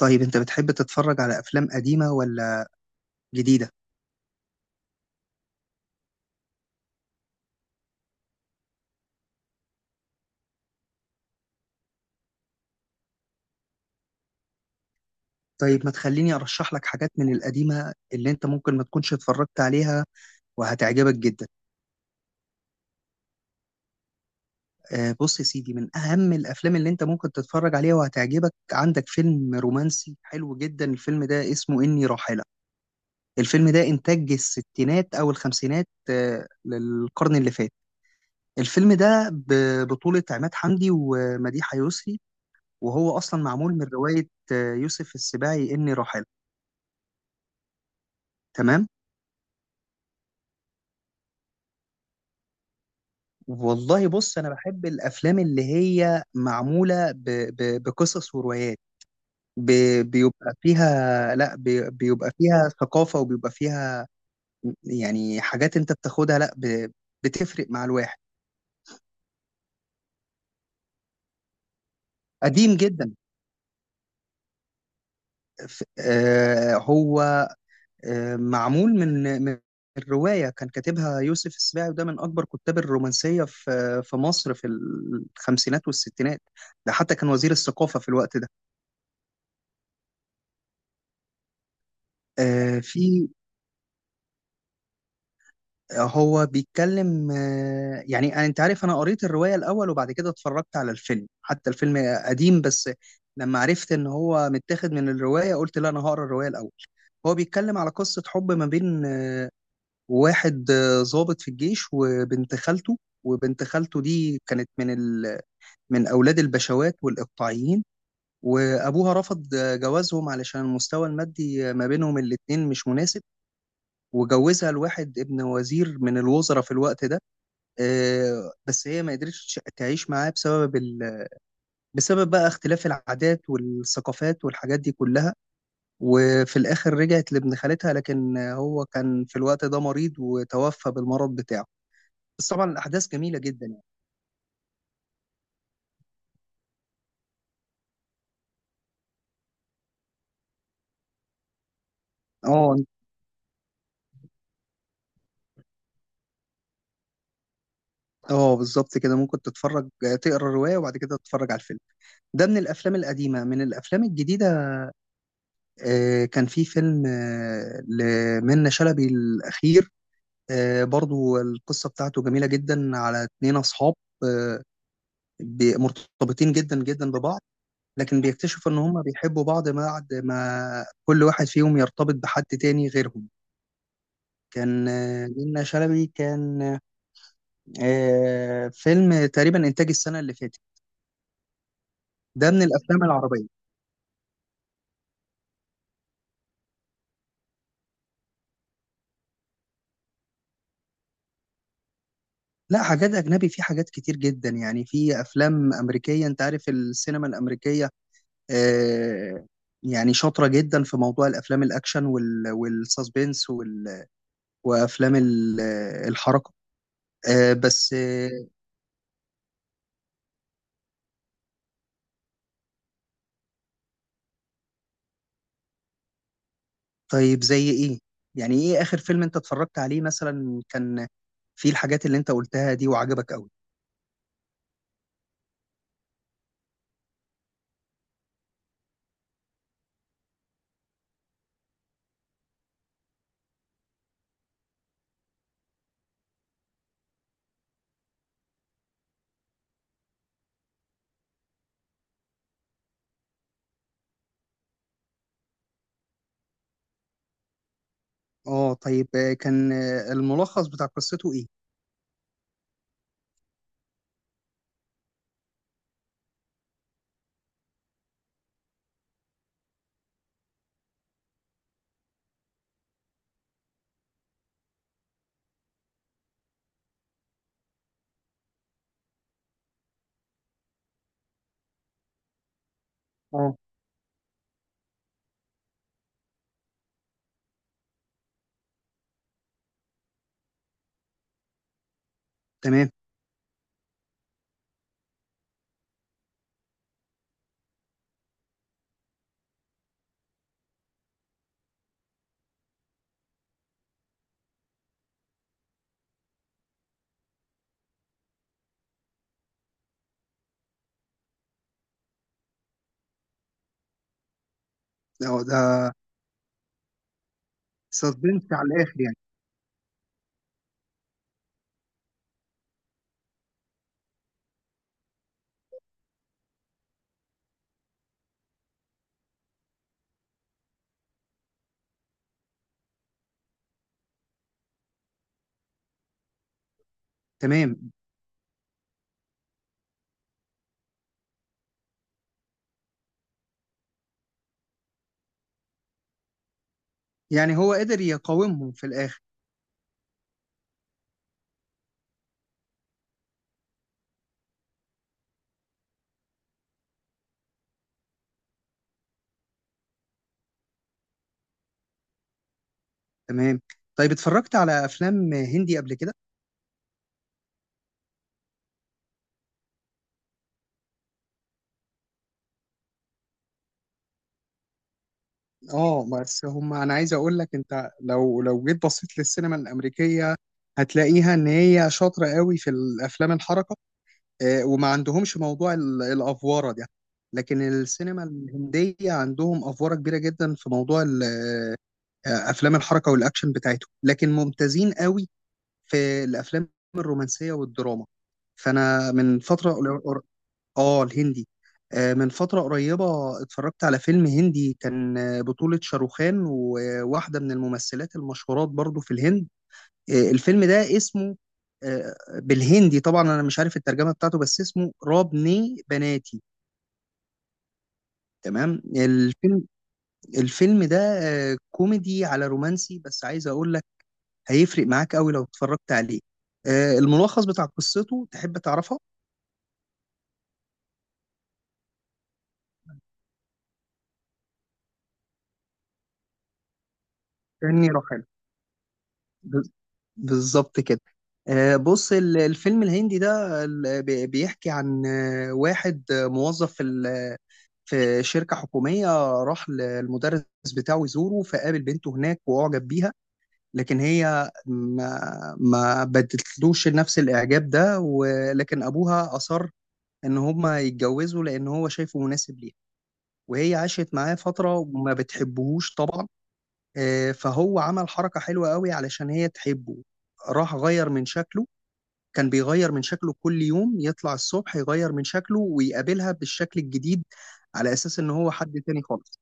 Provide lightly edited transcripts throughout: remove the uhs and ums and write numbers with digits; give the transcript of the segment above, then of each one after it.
طيب، أنت بتحب تتفرج على أفلام قديمة ولا جديدة؟ طيب، ما تخليني أرشح لك حاجات من القديمة اللي أنت ممكن ما تكونش اتفرجت عليها وهتعجبك جدا. آه، بص يا سيدي، من أهم الأفلام اللي أنت ممكن تتفرج عليها وهتعجبك عندك فيلم رومانسي حلو جدا. الفيلم ده اسمه إني راحلة. الفيلم ده إنتاج الستينات أو الخمسينات للقرن اللي فات. الفيلم ده ببطولة عماد حمدي ومديحة يسري، وهو أصلا معمول من رواية يوسف السباعي، إني راحلة. تمام؟ والله بص، انا بحب الافلام اللي هي معموله بقصص وروايات، ب... بيبقى فيها لا بي... بيبقى فيها ثقافه، وبيبقى فيها يعني حاجات انت بتاخدها، لا ب... بتفرق مع الواحد. قديم جدا. ف... آه هو معمول من الروايه. كان كاتبها يوسف السباعي، وده من اكبر كتاب الرومانسيه في مصر في الخمسينات والستينات. ده حتى كان وزير الثقافه في الوقت ده. آه في هو بيتكلم انت عارف، انا قريت الرواية الاول وبعد كده اتفرجت على الفيلم. حتى الفيلم قديم، بس لما عرفت ان هو متاخد من الرواية قلت لا، انا هقرا الرواية الاول. هو بيتكلم على قصة حب ما بين واحد ضابط في الجيش وبنت خالته. وبنت خالته دي كانت من اولاد البشوات والاقطاعيين. وابوها رفض جوازهم علشان المستوى المادي ما بينهم الاتنين مش مناسب، وجوزها لواحد ابن وزير من الوزراء في الوقت ده. بس هي ما قدرتش تعيش معاه بسبب بقى اختلاف العادات والثقافات والحاجات دي كلها. وفي الآخر رجعت لابن خالتها، لكن هو كان في الوقت ده مريض، وتوفى بالمرض بتاعه. بس طبعا الأحداث جميلة جدا يعني. اه، اه، بالظبط كده. ممكن تتفرج، تقرا الرواية وبعد كده تتفرج على الفيلم. ده من الأفلام القديمة. من الأفلام الجديدة، كان في فيلم لمنة شلبي الأخير. برضو القصة بتاعته جميلة جدا، على اتنين أصحاب آه، مرتبطين جدا جدا ببعض، لكن بيكتشفوا إن هما بيحبوا بعض بعد ما كل واحد فيهم يرتبط بحد تاني غيرهم. كان منة شلبي، كان فيلم تقريبا إنتاج السنة اللي فاتت. ده من الأفلام العربية. لا، حاجات أجنبي في حاجات كتير جدا يعني. في أفلام أمريكية، أنت عارف السينما الأمريكية آه، يعني شاطرة جدا في موضوع الأفلام الأكشن والساسبنس وافلام الحركه. آه بس آه طيب، زي ايه؟ يعني ايه اخر فيلم انت اتفرجت عليه مثلا كان فيه الحاجات اللي انت قلتها دي وعجبك قوي؟ اه، طيب. كان الملخص بتاع قصته ايه؟ اه، تمام. ده سسبنس على الاخر يعني. تمام. يعني هو قدر يقاومهم في الاخر. تمام. طيب، اتفرجت على افلام هندي قبل كده؟ اه، بس هم انا عايز اقول لك، انت لو جيت بصيت للسينما الامريكيه، هتلاقيها ان هي شاطره قوي في الافلام الحركه. وما عندهمش موضوع الافواره ده، لكن السينما الهنديه عندهم افواره كبيره جدا في موضوع افلام الحركه والاكشن بتاعتهم. لكن ممتازين قوي في الافلام الرومانسيه والدراما. فانا من فتره، اه الهندي، من فترة قريبة اتفرجت على فيلم هندي كان بطولة شاروخان وواحدة من الممثلات المشهورات برضو في الهند. الفيلم ده اسمه آه، بالهندي طبعا انا مش عارف الترجمة بتاعته، بس اسمه رابني بناتي. تمام. الفيلم ده كوميدي على رومانسي، بس عايز اقول لك هيفرق معاك قوي لو اتفرجت عليه. الملخص بتاع قصته تحب تعرفها؟ إني رحل. ب- بالظبط كده. بص، الفيلم الهندي ده بيحكي عن واحد موظف في شركة حكومية. راح للمدرس بتاعه يزوره، فقابل بنته هناك وأعجب بيها، لكن هي ما بدتلوش نفس الإعجاب ده. ولكن أبوها أصر إن هما يتجوزوا لأن هو شايفه مناسب ليها، وهي عاشت معاه فترة وما بتحبهوش طبعا. فهو عمل حركة حلوة قوي علشان هي تحبه، راح غير من شكله. كان بيغير من شكله كل يوم، يطلع الصبح يغير من شكله ويقابلها بالشكل الجديد، على أساس إن هو حد تاني خالص.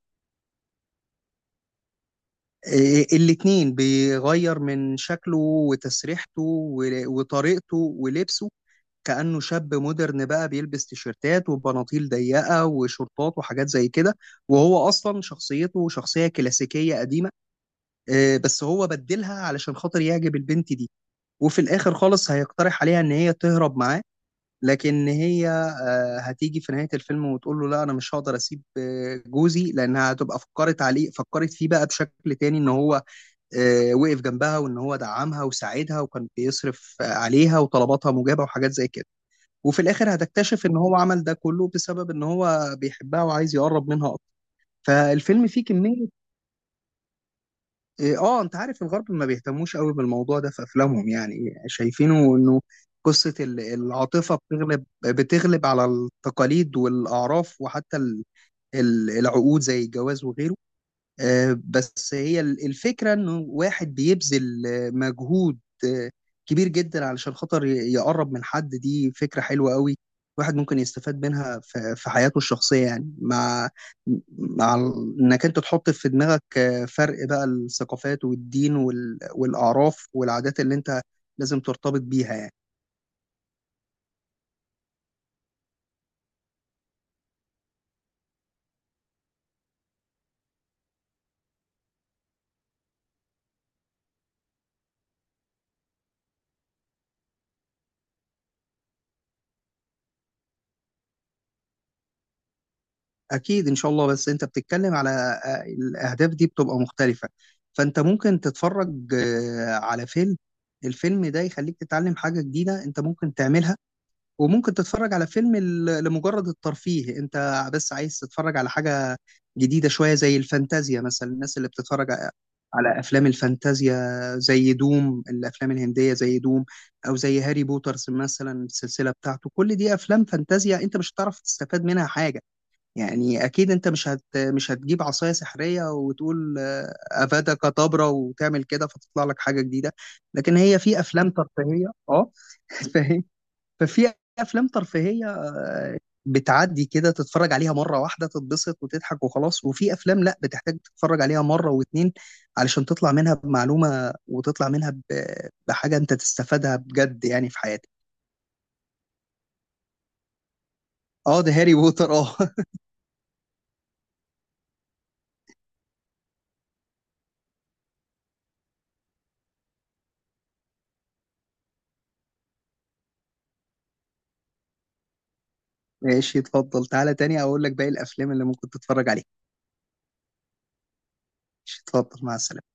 الاتنين بيغير من شكله وتسريحته وطريقته ولبسه، كأنه شاب مودرن بقى بيلبس تيشيرتات وبناطيل ضيقة وشورتات وحاجات زي كده. وهو أصلا شخصيته شخصية كلاسيكية قديمة. بس هو بدلها علشان خاطر يعجب البنت دي. وفي الاخر خالص هيقترح عليها ان هي تهرب معاه، لكن هي هتيجي في نهاية الفيلم وتقول له لا، انا مش هقدر اسيب جوزي، لانها هتبقى فكرت عليه، فكرت فيه بقى بشكل تاني، ان هو وقف جنبها وان هو دعمها وساعدها، وكان بيصرف عليها وطلباتها مجابة وحاجات زي كده. وفي الاخر هتكتشف ان هو عمل ده كله بسبب ان هو بيحبها وعايز يقرب منها اكتر. فالفيلم فيه كمية إيه، اه انت عارف الغرب ما بيهتموش قوي بالموضوع ده في افلامهم، يعني شايفينه انه قصة العاطفة بتغلب على التقاليد والاعراف، وحتى العقود زي الجواز وغيره. بس هي الفكرة انه واحد بيبذل مجهود آه، كبير جدا علشان خاطر يقرب من حد. دي فكرة حلوة قوي، الواحد ممكن يستفاد منها في حياته الشخصية، يعني انك انت تحط في دماغك فرق بقى الثقافات والدين والأعراف والعادات اللي انت لازم ترتبط بيها يعني. أكيد إن شاء الله. بس أنت بتتكلم على الأهداف دي بتبقى مختلفة. فأنت ممكن تتفرج على فيلم، الفيلم ده يخليك تتعلم حاجة جديدة أنت ممكن تعملها. وممكن تتفرج على فيلم لمجرد الترفيه، أنت بس عايز تتفرج على حاجة جديدة شوية زي الفانتازيا مثلا. الناس اللي بتتفرج على أفلام الفانتازيا زي دوم، الأفلام الهندية زي دوم، أو زي هاري بوترز مثلا، السلسلة بتاعته، كل دي أفلام فانتازيا أنت مش هتعرف تستفاد منها حاجة. يعني اكيد انت مش هتجيب عصايه سحريه وتقول افادا كدابرا وتعمل كده فتطلع لك حاجه جديده. لكن هي في افلام ترفيهيه، اه. فاهم؟ ففي افلام ترفيهيه بتعدي كده، تتفرج عليها مره واحده تتبسط وتضحك وخلاص. وفي افلام لا، بتحتاج تتفرج عليها مره واتنين علشان تطلع منها بمعلومه وتطلع منها بحاجه انت تستفادها بجد يعني في حياتك. اه، ده هاري بوتر، اه. ماشي، اتفضل، تعالى تاني اقول لك باقي الافلام اللي ممكن تتفرج عليها. تفضل. مع السلامة.